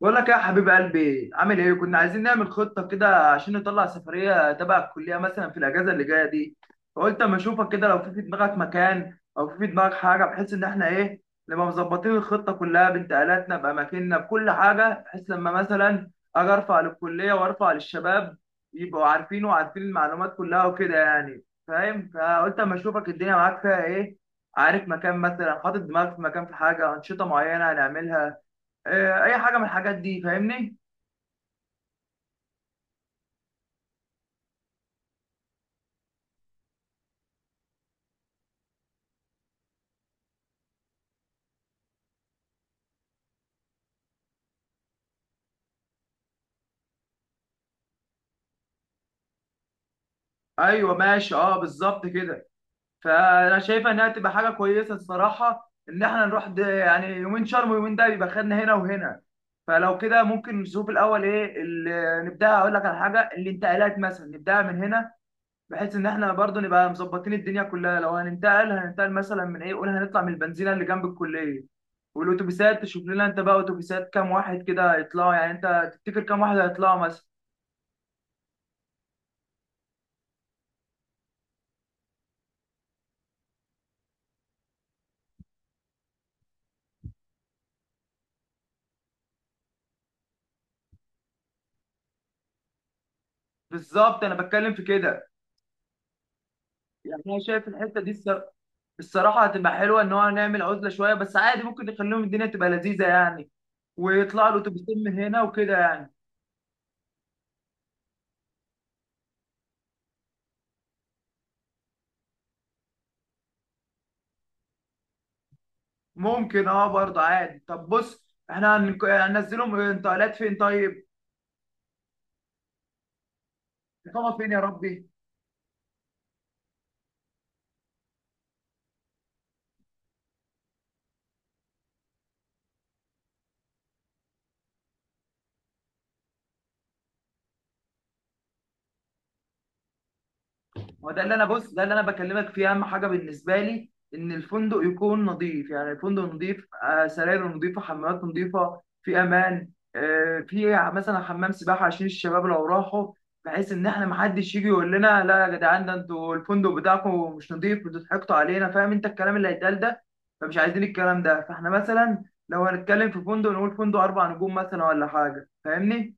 بقول لك إيه يا حبيب قلبي، عامل ايه؟ كنا عايزين نعمل خطه كده عشان نطلع سفريه تبع الكليه مثلا في الاجازه اللي جايه دي. فقلت اما اشوفك كده لو في دماغك مكان او في دماغك حاجه، بحيث ان احنا ايه، نبقى مظبطين الخطه كلها بانتقالاتنا باماكننا بكل حاجه، بحيث لما مثلا اجي ارفع للكليه وارفع للشباب يبقوا عارفين، وعارفين المعلومات كلها وكده يعني، فاهم. فقلت اما اشوفك الدنيا معاك فيها ايه، عارف مكان مثلا، حاطط دماغك في مكان، في حاجه، انشطه معينه هنعملها، اي حاجه من الحاجات دي، فاهمني. ايوه ماشي، اه بالظبط كده. فانا شايفه انها تبقى حاجه كويسه الصراحه، ان احنا نروح ده يعني يومين شرم ويومين ده، يبقى خدنا هنا وهنا. فلو كده ممكن نشوف الاول ايه اللي نبدا، اقول لك على حاجه، الانتقالات مثلا نبداها من هنا، بحيث ان احنا برضو نبقى مظبطين الدنيا كلها. لو هننتقل هننتقل مثلا من ايه، قول هنطلع من البنزينه اللي جنب الكليه، والاتوبيسات تشوف لنا انت بقى اتوبيسات كام واحد كده هيطلعوا، يعني انت تفتكر كام واحد هيطلعوا مثلا. بالظبط انا بتكلم في كده. يعني انا شايف الحته دي الصراحه هتبقى حلوه، ان هو نعمل عزله شويه بس عادي، ممكن نخليهم الدنيا تبقى لذيذه يعني، ويطلع له تبسيم من هنا وكده يعني. ممكن اه برضه عادي. طب بص احنا هننزلهم انتقالات فين؟ طيب اقامه فين يا ربي؟ هو ده اللي انا، بص ده اللي انا بكلمك فيه، اهم حاجه بالنسبه لي ان الفندق يكون نظيف، يعني الفندق نظيف، سراير نظيفه، حمامات نظيفه، في امان، في مثلا حمام سباحه عشان الشباب لو راحوا، بحيث ان احنا محدش يجي يقول لنا لا يا جدعان، ده انتوا الفندق بتاعكم مش نظيف، انتوا ضحكتوا علينا، فاهم انت الكلام اللي هيتقال ده. فمش عايزين الكلام ده. فاحنا مثلا لو هنتكلم في فندق نقول فندق اربع نجوم مثلا ولا حاجه، فاهمني.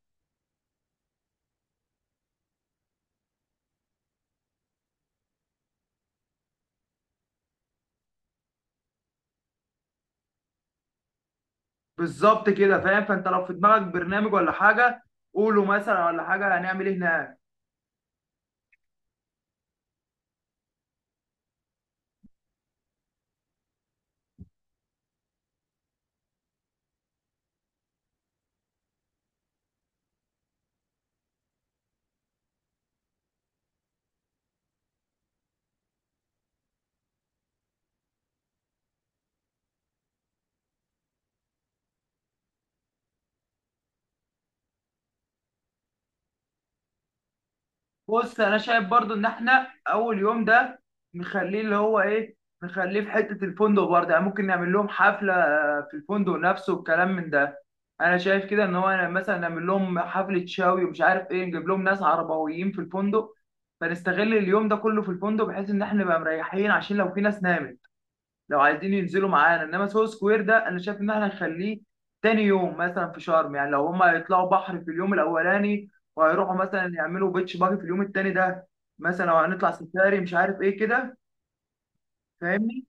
بالظبط كده، فاهم. فانت لو في دماغك برنامج ولا حاجه، قوله مثلا ولا حاجه، هنعمل ايه هناك. بص انا شايف برضو ان احنا اول يوم ده نخليه اللي هو ايه، نخليه في حته الفندق برضه يعني. ممكن نعمل لهم حفله في الفندق نفسه والكلام من ده. انا شايف كده ان هو مثلا نعمل لهم حفله شاوي ومش عارف ايه، نجيب لهم ناس عربويين في الفندق، فنستغل اليوم ده كله في الفندق، بحيث ان احنا نبقى مريحين عشان لو في ناس نامت. لو عايزين ينزلوا معانا، انما سو سكوير ده انا شايف ان احنا نخليه تاني يوم مثلا في شرم، يعني لو هما هيطلعوا بحر في اليوم الاولاني، وهيروحوا مثلا يعملوا بيتش باجي في اليوم التاني ده، مثلا لو هنطلع سفاري مش عارف ايه كده، فاهمني.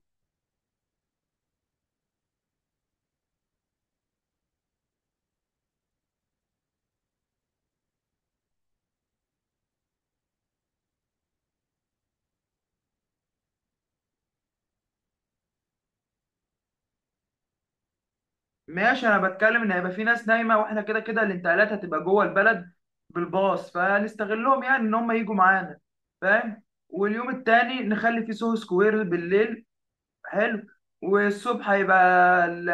ماشي، انا بتكلم ان هيبقى في ناس نايمه، واحنا كده كده الانتقالات هتبقى جوه البلد بالباص، فنستغلهم يعني ان هم يجوا معانا، فاهم. واليوم التاني نخلي فيه سوهو سكوير بالليل، حلو. والصبح هيبقى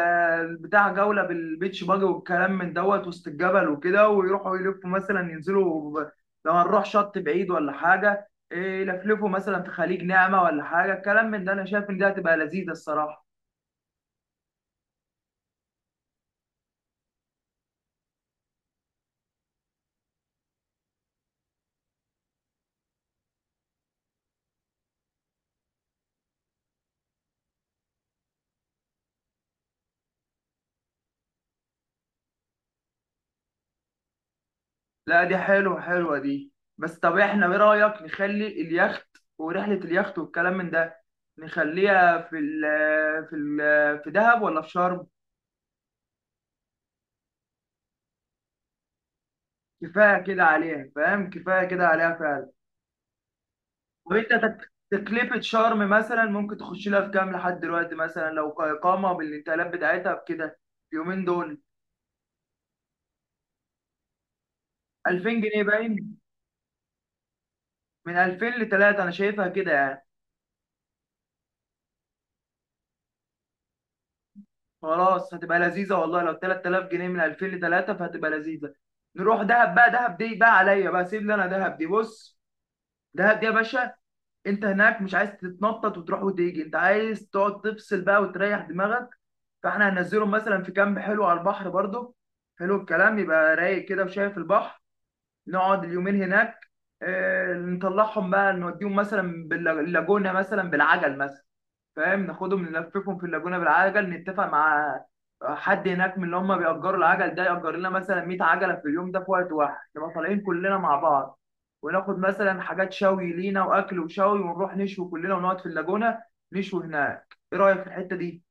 البتاع جولة بالبيتش باجي والكلام من دوت، وسط الجبل وكده، ويروحوا يلفوا مثلا ينزلوا لو هنروح شط بعيد ولا حاجة إيه، يلفلفوا مثلا في خليج نعمة ولا حاجة، الكلام من ده، أنا شايف إن دي هتبقى لذيذة الصراحة. لا دي حلوة، حلوة دي. بس طب إحنا، إيه رأيك نخلي اليخت ورحلة اليخت والكلام من ده، نخليها في ال في ال في دهب ولا في شرم؟ كفاية كده عليها فاهم، كفاية كده عليها فعلا. وانت تكلفة شرم مثلا ممكن تخش لها في كام لحد دلوقتي، مثلا لو كإقامة بالانتقالات بتاعتها بكده اليومين دول؟ 2000 جنيه باين. من 2000 ل 3، انا شايفها كده يعني. خلاص هتبقى لذيذة والله، لو 3000 جنيه، من 2000 ل 3 فهتبقى لذيذة. نروح دهب بقى، دهب دي بقى عليا بقى، سيب لي انا دهب دي، بص. دهب دي يا باشا، انت هناك مش عايز تتنطط وتروح وتيجي، انت عايز تقعد تفصل بقى وتريح دماغك. فاحنا هننزلهم مثلا في كامب حلو على البحر برضو، حلو الكلام، يبقى رايق كده وشايف البحر. نقعد اليومين هناك، نطلعهم بقى، نوديهم مثلا باللاجونة مثلا، بالعجل مثلا، فاهم. ناخدهم نلففهم في اللاجونة بالعجل، نتفق مع حد هناك من اللي هم بيأجروا العجل ده يأجر لنا مثلا 100 عجلة في اليوم ده في وقت واحد، نبقى طالعين كلنا مع بعض، وناخد مثلا حاجات شوي لينا وأكل وشوي، ونروح نشوي كلنا ونقعد في اللاجونة، نشوي هناك. إيه رأيك في الحتة دي؟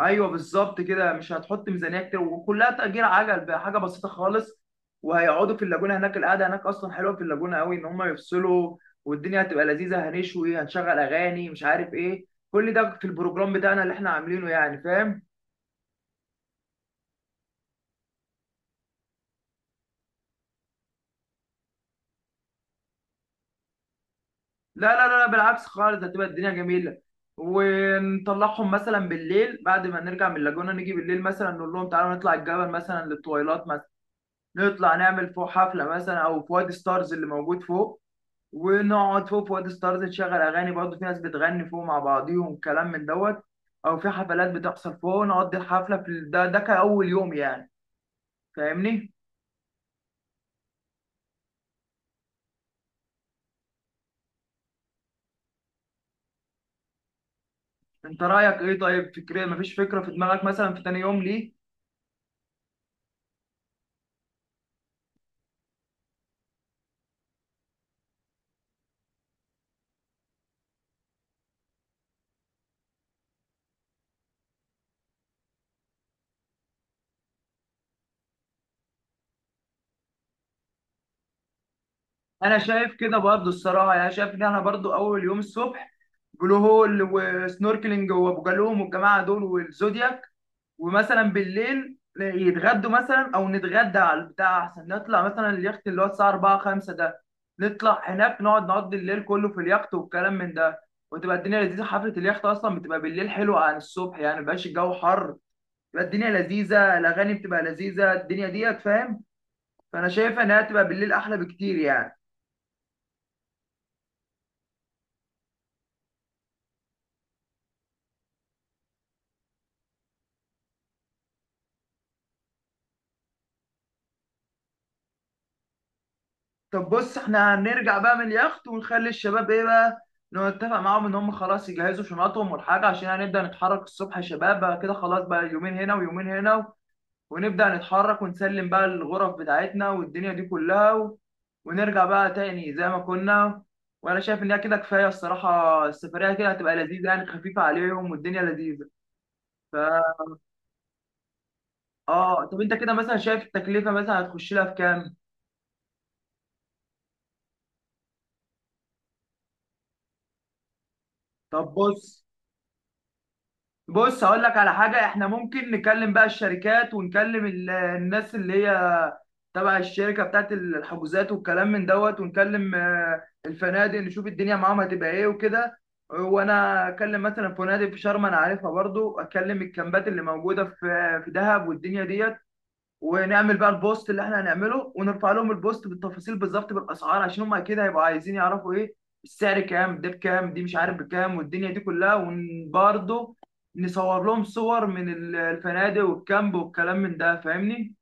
ايوه بالظبط كده. مش هتحط ميزانيه كتير، وكلها تأجير عجل بقى، حاجه بسيطه خالص. وهيقعدوا في اللاجونه هناك، القعده هناك اصلا حلوه في اللاجونه قوي، ان هم يفصلوا والدنيا هتبقى لذيذه، هنشوي، هنشغل اغاني مش عارف ايه، كل ده في البروجرام بتاعنا اللي احنا عاملينه يعني، فاهم. لا لا لا لا، بالعكس خالص، هتبقى الدنيا جميله. ونطلعهم مثلا بالليل بعد ما نرجع من اللاجونه، نيجي بالليل مثلا نقول لهم تعالوا نطلع الجبل مثلا، للطويلات مثلا، نطلع نعمل فوق حفله مثلا، او في وادي ستارز اللي موجود فوق، ونقعد فوق في وادي ستارز، تشغل اغاني برضه، في ناس بتغني فوق مع بعضيهم كلام من دوت، او في حفلات بتحصل فوق، نقضي الحفله في ده كاول يوم يعني، فاهمني. انت رايك ايه طيب فكريا، مفيش فكره في دماغك مثلا في تاني يوم ليه؟ انا شايف كده برضه الصراحه، يعني شايف ان احنا برضه اول يوم الصبح، بلو هول وسنوركلينج وابو جالوم والجماعه دول والزودياك، ومثلا بالليل يتغدوا مثلا او نتغدى على البتاع، احسن نطلع مثلا اليخت اللي هو الساعه 4 5 ده، نطلع هناك نقعد نقضي الليل كله في اليخت والكلام من ده. وتبقى الدنيا لذيذه، حفله اليخت اصلا بتبقى بالليل حلوه عن الصبح يعني، مبقاش الجو حر، بتبقى الدنيا لذيذه، الاغاني بتبقى لذيذه، الدنيا ديت فاهم. فانا شايفه انها تبقى بالليل احلى بكتير يعني. طب بص احنا هنرجع بقى من اليخت، ونخلي الشباب ايه بقى، نتفق معاهم ان هم خلاص يجهزوا شنطهم والحاجه، عشان هنبدا نتحرك الصبح يا شباب بقى كده، خلاص بقى يومين هنا ويومين هنا، ونبدا نتحرك ونسلم بقى الغرف بتاعتنا والدنيا دي كلها، و... ونرجع بقى تاني زي ما كنا. وانا شايف ان هي كده كفايه الصراحه، السفريه كده هتبقى لذيذه يعني، خفيفه عليهم والدنيا لذيذه. ف اه طب انت كده مثلا شايف التكلفه مثلا هتخش لها في كام؟ طب بص، بص هقول لك على حاجة، احنا ممكن نكلم بقى الشركات ونكلم الناس اللي هي تبع الشركة بتاعت الحجوزات والكلام من دوت، ونكلم الفنادق، نشوف الدنيا معاهم هتبقى ايه وكده. وانا اكلم مثلا فنادق في شرم انا عارفها، برضو اكلم الكامبات اللي موجودة في في دهب والدنيا ديت. ونعمل بقى البوست اللي احنا هنعمله، ونرفع لهم البوست بالتفاصيل بالظبط بالاسعار، عشان هم اكيد هيبقوا عايزين يعرفوا ايه السعر، كام ده، بكام دي، مش عارف بكام، والدنيا دي كلها. وبرضه نصور لهم صور من الفنادق والكامب والكلام من ده، فاهمني.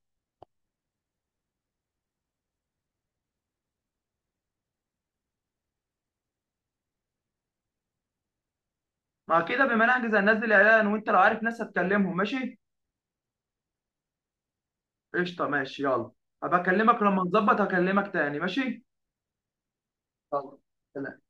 مع كده بما نحجز هننزل اعلان، وانت لو عارف ناس هتكلمهم ماشي. قشطه ماشي يلا، هبقى اكلمك لما نظبط، هكلمك تاني ماشي. يلا سلام.